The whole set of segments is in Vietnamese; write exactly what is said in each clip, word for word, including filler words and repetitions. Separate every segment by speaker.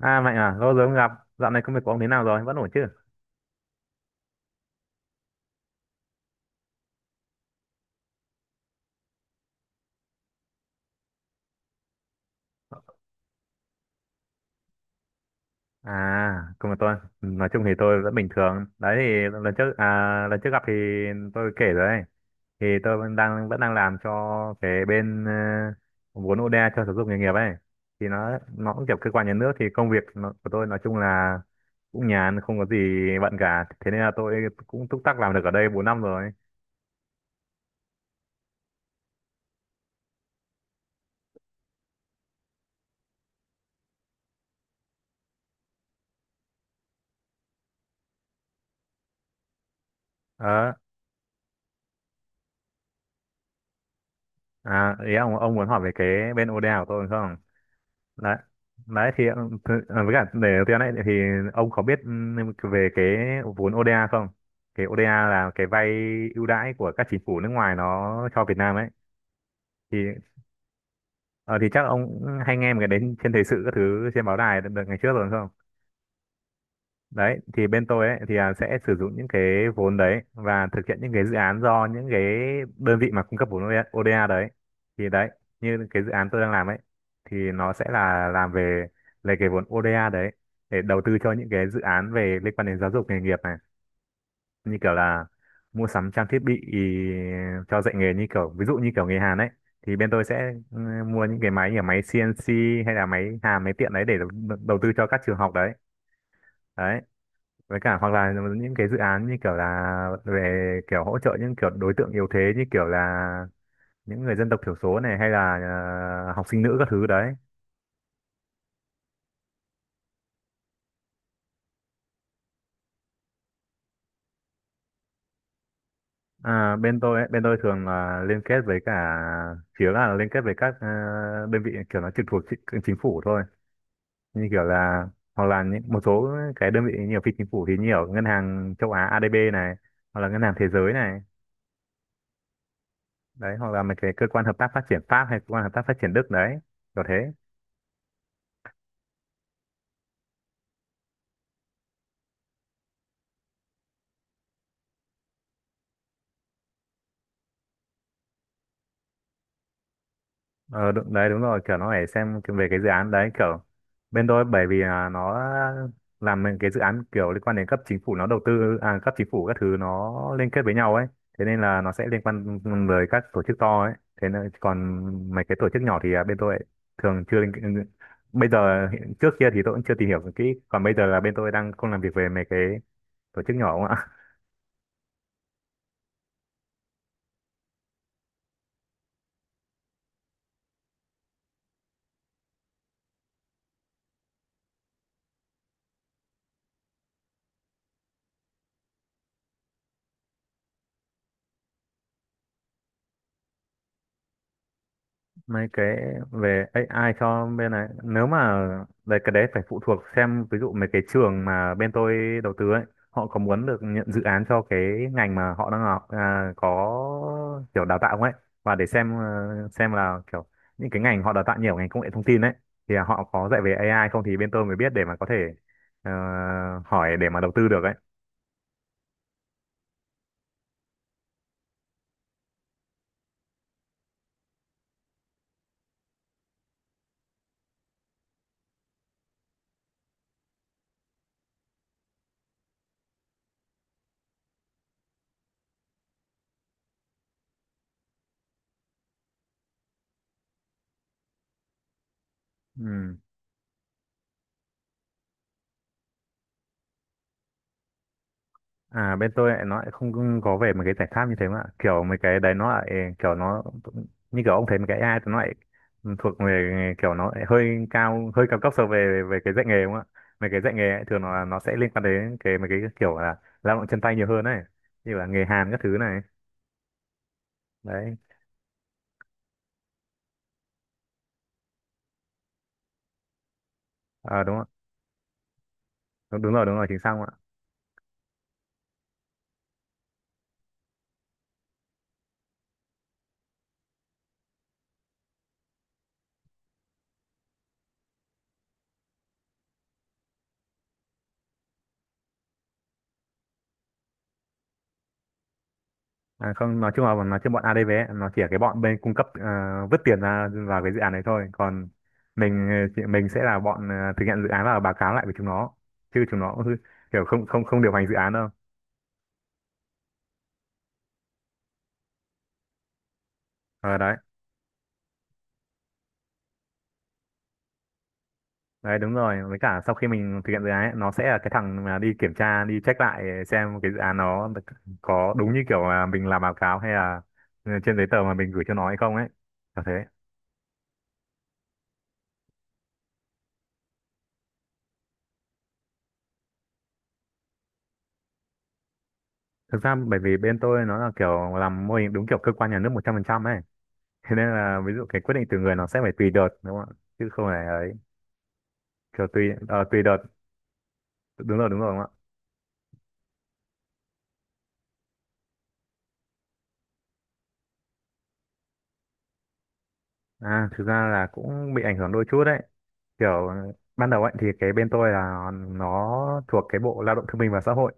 Speaker 1: À Mạnh à, lâu rồi không gặp. Dạo này công việc của ông thế nào rồi? Vẫn ổn chứ? À, công việc tôi, nói chung thì tôi vẫn bình thường. Đấy thì lần trước à, lần trước gặp thì tôi kể rồi ấy. Thì tôi vẫn đang vẫn đang làm cho cái bên ờ, vốn ô đê a cho giáo dục nghề nghiệp ấy. Thì nó nó cũng kiểu cơ quan nhà nước, thì công việc nó, của tôi nói chung là cũng nhàn, không có gì bận cả. Thế nên là tôi cũng túc tắc làm được ở đây bốn năm rồi. Ờ, à, ý ông ông muốn hỏi về cái bên ô đê a của tôi đúng không? Đấy đấy thì th- với cả để tiền này thì ông có biết ừ, về cái vốn ô đê a không? Cái ô đê a là cái vay ưu đãi của các chính phủ nước ngoài nó cho Việt Nam ấy. Thì ờ, thì chắc ông cũng hay nghe một cái đến trên thời sự các thứ trên báo đài đợt đợt ngày trước rồi đúng không? Đấy thì bên tôi ấy thì à, sẽ sử dụng những cái vốn đấy và thực hiện những cái dự án do những cái đơn vị mà cung cấp vốn ô đê a đấy. Thì đấy, như cái dự án tôi đang làm ấy, thì nó sẽ là làm về lấy cái vốn ô đê a đấy để đầu tư cho những cái dự án về liên quan đến giáo dục nghề nghiệp này. Như kiểu là mua sắm trang thiết bị ý, cho dạy nghề, như kiểu ví dụ như kiểu nghề hàn ấy, thì bên tôi sẽ ừ, mua những cái máy như là máy xê en xê hay là máy hàn, máy tiện đấy, để đầu đầu tư cho các trường học đấy. đấy với cả hoặc là những cái dự án như kiểu là về kiểu hỗ trợ những kiểu đối tượng yếu thế, như kiểu là những người dân tộc thiểu số này, hay là ờ, học sinh nữ các thứ đấy. À, bên tôi ấy, bên tôi thường là liên kết với cả phía, là liên kết với các ờ, đơn vị kiểu nó trực thuộc chính, chính phủ thôi. Như kiểu là hoặc là những một số cái đơn vị nhiều phi chính phủ thì nhiều ngân hàng châu Á a đê bê này, hoặc là ngân hàng thế giới này đấy, hoặc là mấy cái cơ quan hợp tác phát triển Pháp hay cơ quan hợp tác phát triển Đức đấy, kiểu thế. Ờ, đúng, đấy đúng rồi, kiểu nó phải xem cái- về cái dự án đấy. Kiểu bên tôi bởi vì là nó làm những cái dự án kiểu liên quan đến cấp chính phủ, nó đầu tư à, cấp chính phủ các thứ, nó liên kết với nhau ấy. Thế nên là nó sẽ liên quan với các tổ chức to ấy. Thế nên còn mấy cái tổ chức nhỏ thì à, bên tôi thường chưa liên- bây giờ hiện- trước kia thì tôi cũng chưa tìm hiểu kỹ, còn bây giờ là bên tôi đang không làm việc về mấy cái tổ chức nhỏ. Mấy cái về a i cho bên này, nếu mà đấy, cái đấy phải phụ thuộc xem ví dụ mấy cái trường mà bên tôi đầu tư ấy, họ có muốn được nhận dự án cho cái ngành mà họ đang học à, có kiểu đào tạo không ấy. Và để xem ờ, xem là kiểu những cái ngành họ đào tạo nhiều ở ngành công nghệ thông tin ấy, thì họ có dạy về a i không, thì bên tôi mới biết để mà có thể ờ, hỏi để mà đầu tư được ấy. Ừ. À, bên tôi lại nó lại không có về mấy cái giải pháp như thế, mà kiểu mấy cái đấy nó lại kiểu nó như kiểu ông thấy mấy cái a i thì nó lại thuộc về kiểu nó lại hơi cao hơi cao cấp so về về cái dạy nghề đúng không ạ. Mấy cái dạy nghề ấy, thường nó nó sẽ liên quan đến cái mấy cái kiểu là lao động chân tay nhiều hơn này, như là nghề hàn các thứ này đấy. Ờ, đúng không ạ, đúng, đúng rồi, đúng rồi, chính xác. À, không, nói chung là nói chung bọn a đê vê ấy, nó chỉ là cái bọn bên cung cấp, ờ, vứt tiền ra vào cái dự án đấy thôi. Còn mình ờ, chị- mình sẽ là bọn ờ, thực hiện dự án và báo cáo lại với chúng nó, chứ chúng nó cũng kiểu không không không điều hành dự án đâu. Ờ đấy đấy đúng rồi, với cả sau khi mình thực hiện dự án ấy, nó sẽ là cái thằng mà đi kiểm tra, đi check lại xem cái dự án nó được- có đúng như kiểu là mình làm báo cáo hay là ờ, trên giấy tờ mà mình gửi cho nó hay không ấy. Là thế. Thực ra bởi vì bên tôi nó là kiểu làm mô hình đúng kiểu cơ quan nhà nước một trăm phần trăm ấy. Thế nên là ví dụ cái quyết định từ người, nó sẽ phải tùy đợt đúng không ạ, chứ không phải ấy. Kiểu tùy ờ, tùy đợt, đúng rồi, đúng rồi đúng không ạ. À, thực ra là cũng bị ảnh hưởng đôi chút đấy. Kiểu ban đầu ấy thì cái bên tôi là nó thuộc cái bộ lao động thương binh và xã hội.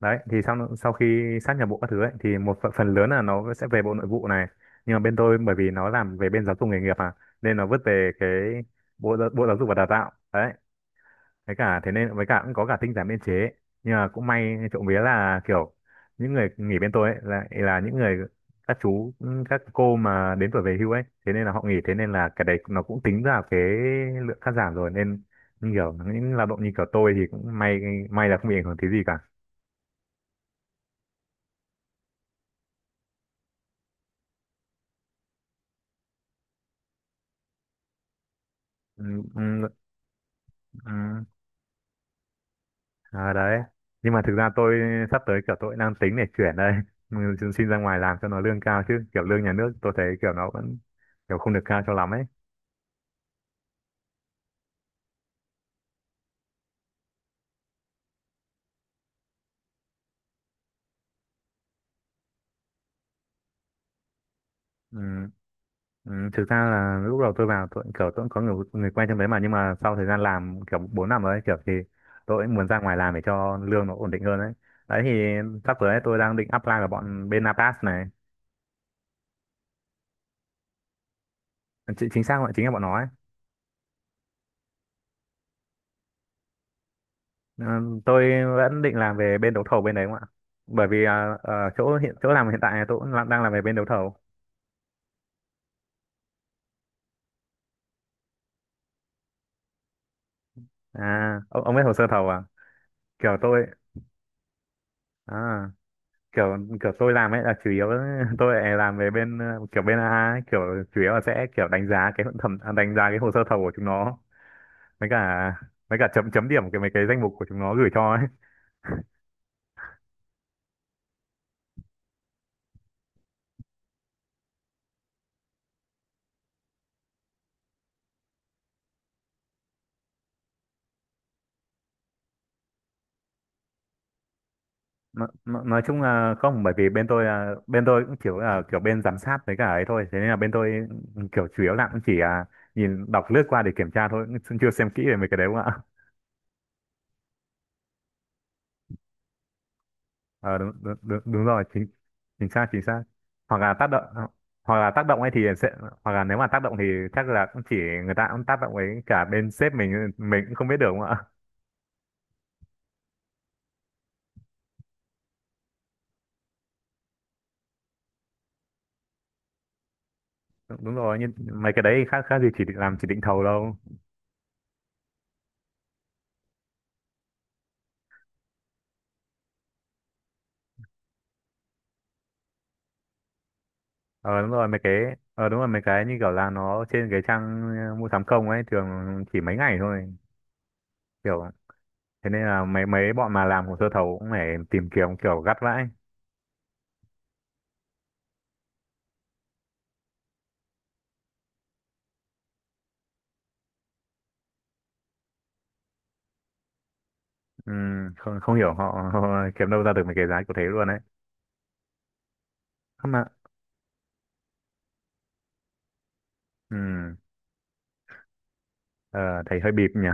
Speaker 1: Đấy thì sau sau khi sát nhập bộ các thứ ấy thì một phần, phần lớn là nó sẽ về bộ nội vụ này. Nhưng mà bên tôi bởi vì nó làm về bên giáo dục nghề nghiệp à, nên nó vứt về cái bộ giáo- bộ giáo dục và đào tạo đấy. Thế cả thế nên với cả cũng có cả tinh giản biên chế. Nhưng mà cũng may trộm vía là kiểu những người nghỉ bên tôi ấy là là những người, các chú các cô mà đến tuổi về hưu ấy, thế nên là họ nghỉ, thế nên là cái đấy nó cũng tính ra cái lượng cắt giảm rồi, nên như kiểu những lao động như kiểu tôi thì cũng may may là không bị ảnh hưởng tí gì cả. Ừ, ừ, ừ. À, đấy, nhưng mà thực ra tôi sắp tới, kiểu tôi đang tính để chuyển đây. Ừ, xin ra ngoài làm cho nó lương cao, chứ kiểu lương nhà nước tôi thấy kiểu nó vẫn kiểu không được cao cho lắm ấy. Ừ. Ừ, thực ra là lúc đầu tôi vào, tôi cũng kiểu tôi cũng có người người quen trong đấy mà, nhưng mà sau thời gian làm kiểu bốn năm rồi, kiểu thì tôi cũng muốn ra ngoài làm để cho lương nó ổn định hơn đấy. Đấy thì sắp tới ấy, tôi đang định apply vào bọn bên Napas này. Chị- chính xác, gọi chính là bọn nó ấy. Ờ, tôi vẫn định làm về bên đấu thầu bên đấy không ạ, bởi vì à, ở chỗ hiện chỗ làm hiện tại tôi cũng làm- đang làm về bên đấu thầu. À, ông, ông biết hồ sơ thầu à? Kiểu tôi à kiểu kiểu tôi làm ấy là chủ yếu. Tôi lại làm về bên ờ, kiểu bên a a ấy, kiểu chủ yếu là sẽ kiểu đánh giá cái thẩm à, đánh giá cái hồ sơ thầu của chúng nó, với cả với cả chấm chấm điểm cái mấy cái danh mục của chúng nó gửi cho ấy. Nói, nói nói chung là không, bởi vì bên tôi là bên tôi cũng kiểu là kiểu bên giám sát với cả ấy thôi, thế nên là bên tôi kiểu chủ yếu là cũng chỉ à, nhìn đọc lướt qua để kiểm tra thôi, cũng chưa xem kỹ về mấy cái đấy không ạ. ờ Đúng, đúng, đúng, đúng rồi, chính chính xác chính xác. Hoặc là tác động. Hoặc là tác động ấy thì sẽ hoặc là nếu mà tác động thì chắc là cũng chỉ, người ta cũng tác động ấy, cả bên sếp mình mình cũng không biết được đúng không ạ. Đúng, đúng rồi, nhưng mấy cái đấy khác khác gì chỉ định- làm chỉ định thầu đâu. ờ Đúng rồi, mấy cái ờ đúng rồi, mấy cái như kiểu là nó trên cái trang ờ, mua sắm công ấy, thường chỉ mấy ngày thôi kiểu. Thế nên là mấy mấy bọn mà làm hồ sơ thầu cũng phải tìm kiếm kiểu gắt vãi. Ừm, không không hiểu họ, họ kiếm đâu ra được mấy cái giá kiểu thế luôn đấy. Không mà. Ừ. Ờ, thấy hơi bịp nhỉ.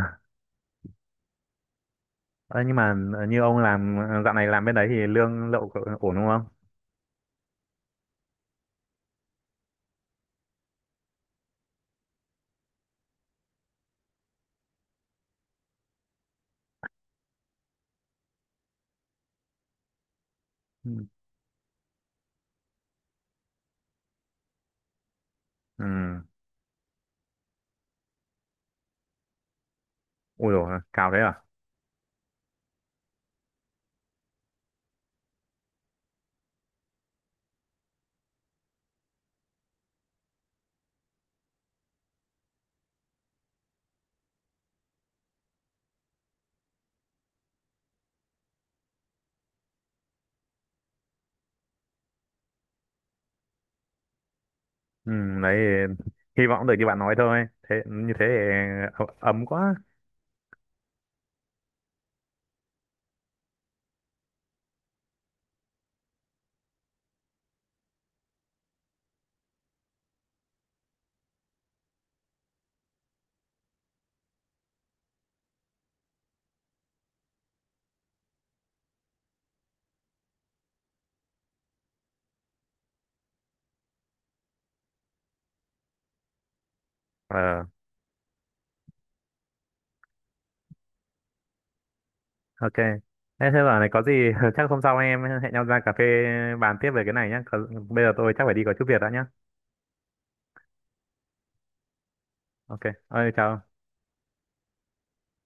Speaker 1: Ờ, nhưng mà ờ, như ông làm ờ, dạo này làm bên đấy thì lương lậu cậu ổn đúng không? Ừ. Ừ. Ui dồi, cao thế à? Ừ, đấy hy vọng được như bạn nói thôi. Thế như thế thì ờ, ấm quá. Ờ, ok. Thế thế giờ này có gì, chắc hôm sau em hẹn nhau ra cà phê bàn tiếp về cái này nhé. Còn bây giờ tôi chắc phải đi có chút việc đã nhá. Ok. Ơi chào.